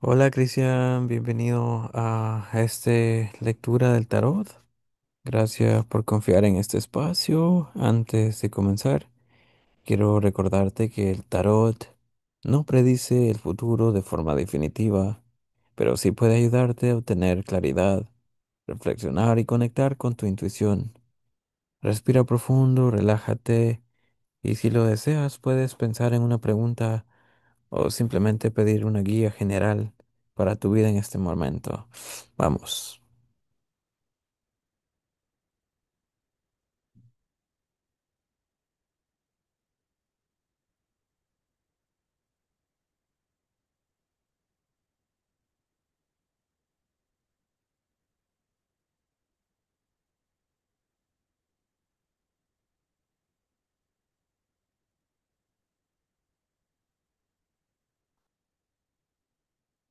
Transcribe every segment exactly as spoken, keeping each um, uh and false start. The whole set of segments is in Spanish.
Hola, Cristian, bienvenido a esta lectura del tarot. Gracias por confiar en este espacio. Antes de comenzar, quiero recordarte que el tarot no predice el futuro de forma definitiva, pero sí puede ayudarte a obtener claridad, reflexionar y conectar con tu intuición. Respira profundo, relájate y si lo deseas, puedes pensar en una pregunta o simplemente pedir una guía general para tu vida en este momento. Vamos.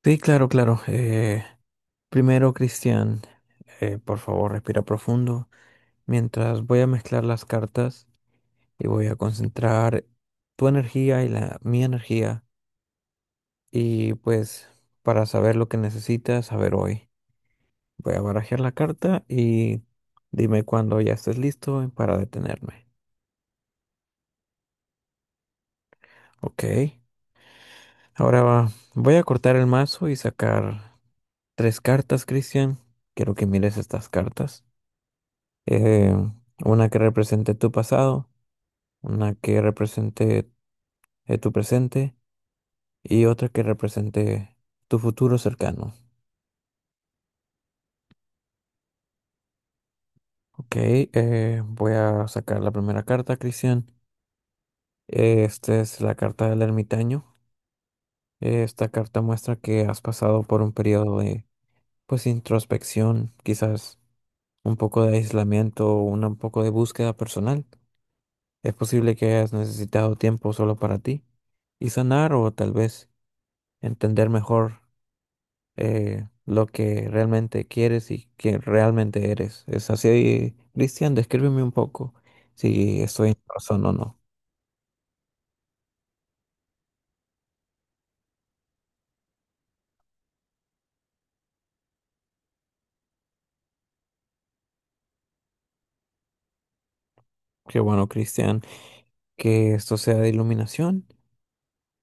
Sí, claro, claro. Eh, primero, Cristian, eh, por favor, respira profundo mientras voy a mezclar las cartas y voy a concentrar tu energía y la mi energía. Y pues, para saber lo que necesitas saber hoy, voy a barajar la carta y dime cuando ya estés listo para detenerme. Ok. Ahora va, voy a cortar el mazo y sacar tres cartas, Cristian. Quiero que mires estas cartas. Eh, una que represente tu pasado, una que represente eh, tu presente y otra que represente tu futuro cercano. Ok, eh, voy a sacar la primera carta, Cristian. Eh, esta es la carta del ermitaño. Eh, esta carta muestra que has pasado por un periodo de, pues, introspección, quizás un poco de aislamiento, una- un poco de búsqueda personal. Es posible que hayas necesitado tiempo solo para ti y sanar o tal vez entender mejor eh, lo que realmente quieres y que realmente eres. Es así, Cristian, descríbeme un poco si estoy en razón o no. Qué bueno, Cristian, que esto sea de iluminación.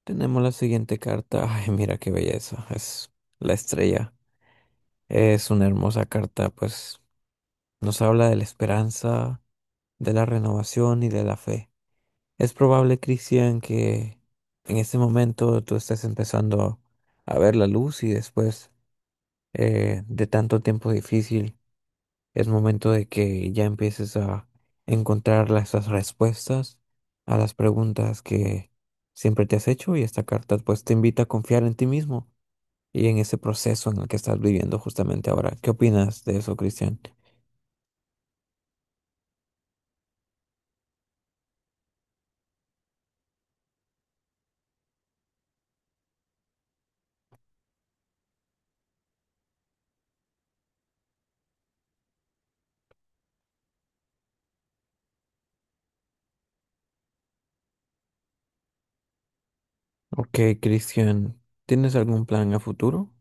Tenemos la siguiente carta. Ay, mira qué belleza. Es la estrella. Es una hermosa carta, pues nos habla de la esperanza, de la renovación y de la fe. Es probable, Cristian, que en este momento tú estés empezando a ver la luz y después eh, de tanto tiempo difícil es momento de que ya empieces a encontrar las- esas respuestas a las preguntas que siempre te has hecho, y esta carta pues te invita a confiar en ti mismo y en ese proceso en el que estás viviendo justamente ahora. ¿Qué opinas de eso, Cristian? Ok, Cristian, ¿tienes algún plan a futuro?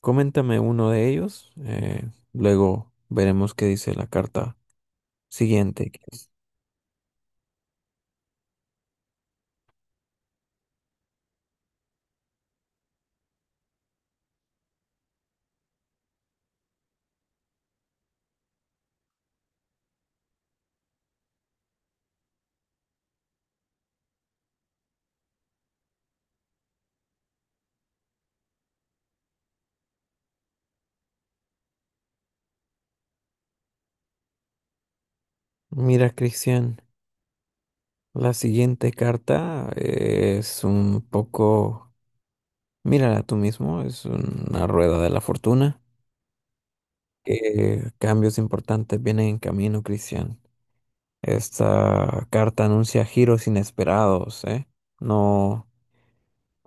Coméntame uno de ellos, eh, luego veremos qué dice la carta siguiente. que es- Mira, Cristian, la siguiente carta eh, es un poco, mírala tú mismo, es una rueda de la fortuna. Que cambios importantes vienen en camino, Cristian. Esta carta anuncia giros inesperados, ¿eh? No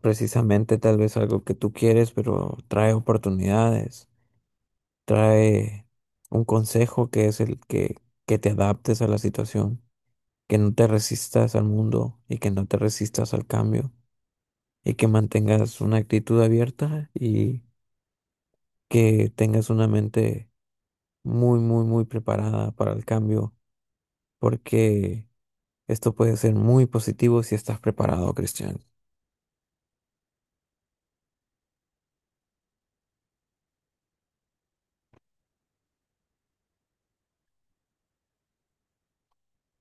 precisamente tal vez algo que tú quieres, pero trae oportunidades. Trae un consejo que es el que, que te adaptes a la situación, que no te resistas al mundo y que no te resistas al cambio y que mantengas una actitud abierta y que tengas una mente muy, muy, muy preparada para el cambio, porque esto puede ser muy positivo si estás preparado, Cristian.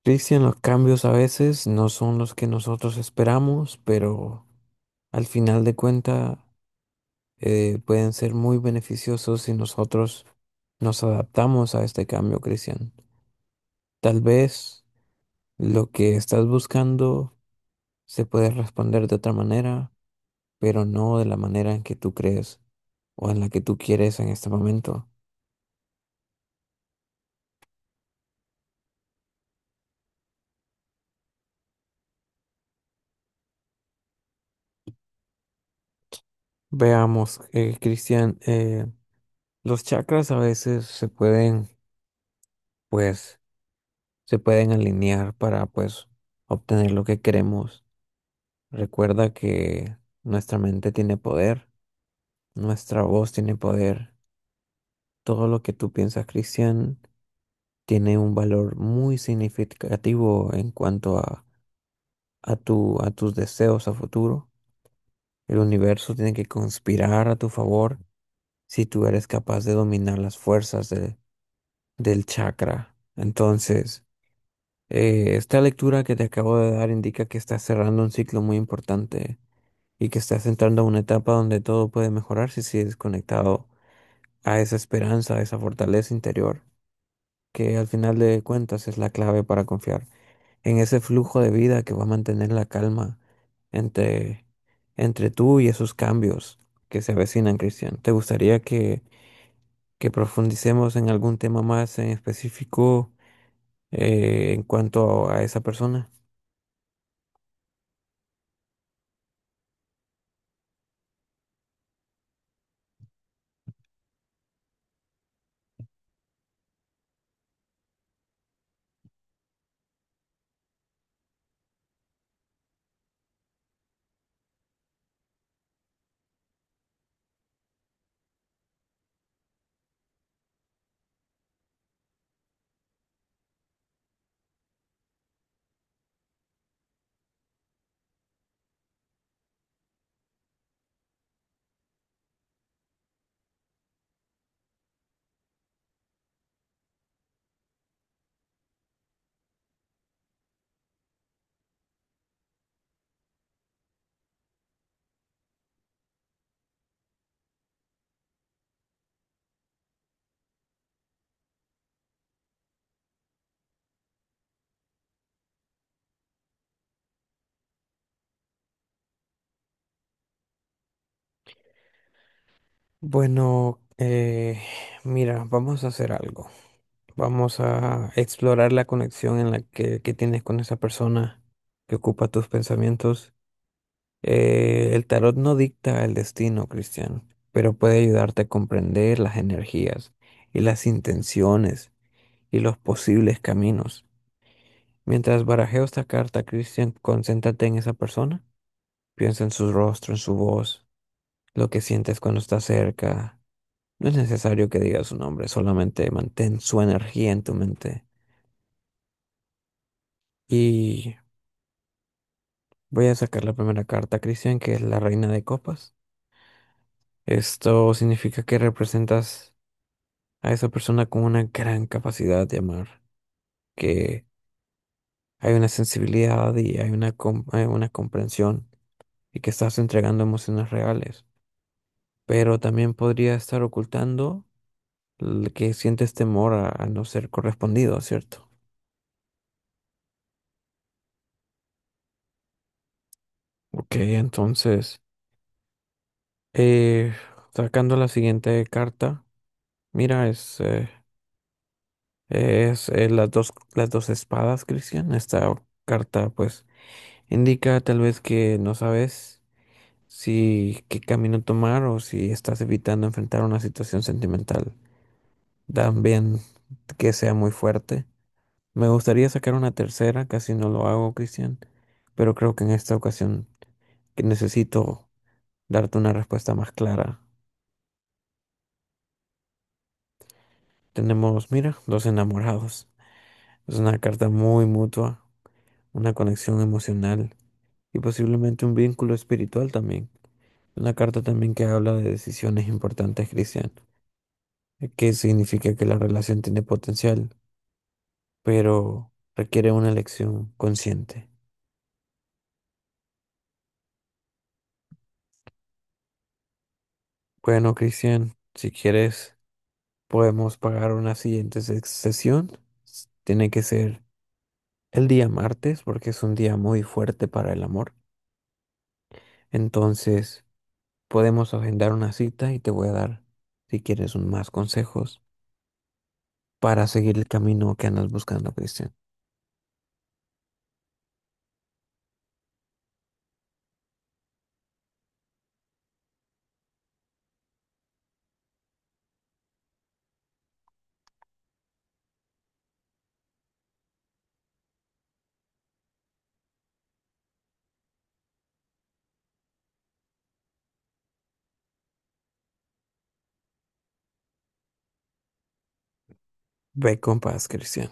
Cristian, los cambios a veces no son los que nosotros esperamos, pero al final de cuentas eh, pueden ser muy beneficiosos si nosotros nos adaptamos a este cambio, Cristian. Tal vez lo que estás buscando se puede responder de otra manera, pero no de la manera en que tú crees o en la que tú quieres en este momento. Veamos, eh, Cristian, eh, los chakras a veces se pueden, pues, se pueden alinear para, pues, obtener lo que queremos. Recuerda que nuestra mente tiene poder. Nuestra voz tiene poder. Todo lo que tú piensas, Cristian, tiene un valor muy significativo en cuanto a, a tu, a tus deseos a futuro. El universo tiene que conspirar a tu favor si tú eres capaz de dominar las fuerzas de- del chakra. Entonces, eh, esta lectura que te acabo de dar indica que estás cerrando un ciclo muy importante y que estás entrando a una etapa donde todo puede mejorar si sigues conectado a esa esperanza, a esa fortaleza interior, que al final de cuentas es la clave para confiar en ese flujo de vida que va a mantener la calma entre, entre tú y esos cambios que se avecinan, Cristian. ¿Te gustaría que, que profundicemos en algún tema más en específico eh, en cuanto a esa persona? Bueno, eh, mira, vamos a hacer algo. Vamos a explorar la conexión en la que, que tienes con esa persona que ocupa tus pensamientos. Eh, el tarot no dicta el destino, Cristian, pero puede ayudarte a comprender las energías y las intenciones y los posibles caminos. Mientras barajeo esta carta, Cristian, concéntrate en esa persona. Piensa en su rostro, en su voz, lo que sientes cuando está cerca. No es necesario que digas su nombre, solamente mantén su energía en tu mente. Y voy a sacar la primera carta, Cristian, que es la Reina de Copas. Esto significa que representas a esa persona con una gran capacidad de amar, que hay una sensibilidad y hay una, com- hay una comprensión y que estás entregando emociones reales, pero también podría estar ocultando el que sientes temor a, a no ser correspondido, ¿cierto? Ok, entonces, eh, sacando la siguiente carta, mira, es, eh, es eh, las dos, las dos espadas, Cristian, esta carta pues indica tal vez que no sabes si qué camino tomar o si estás evitando enfrentar una situación sentimental. También que sea muy fuerte. Me gustaría sacar una tercera, casi no lo hago, Cristian, pero creo que en esta ocasión que necesito darte una respuesta más clara. Tenemos, mira, dos enamorados. Es una carta muy mutua, una conexión emocional y posiblemente un vínculo espiritual también. Una carta también que habla de decisiones importantes, Cristian, que significa que la relación tiene potencial, pero requiere una elección consciente. Bueno, Cristian, si quieres, podemos pagar una siguiente se- sesión. S- Tiene que ser el día martes porque es un día muy fuerte para el amor. Entonces, podemos agendar una cita y te voy a dar, si quieres, un- más consejos para seguir el camino que andas buscando, Cristian. Ve con paz, Cristian.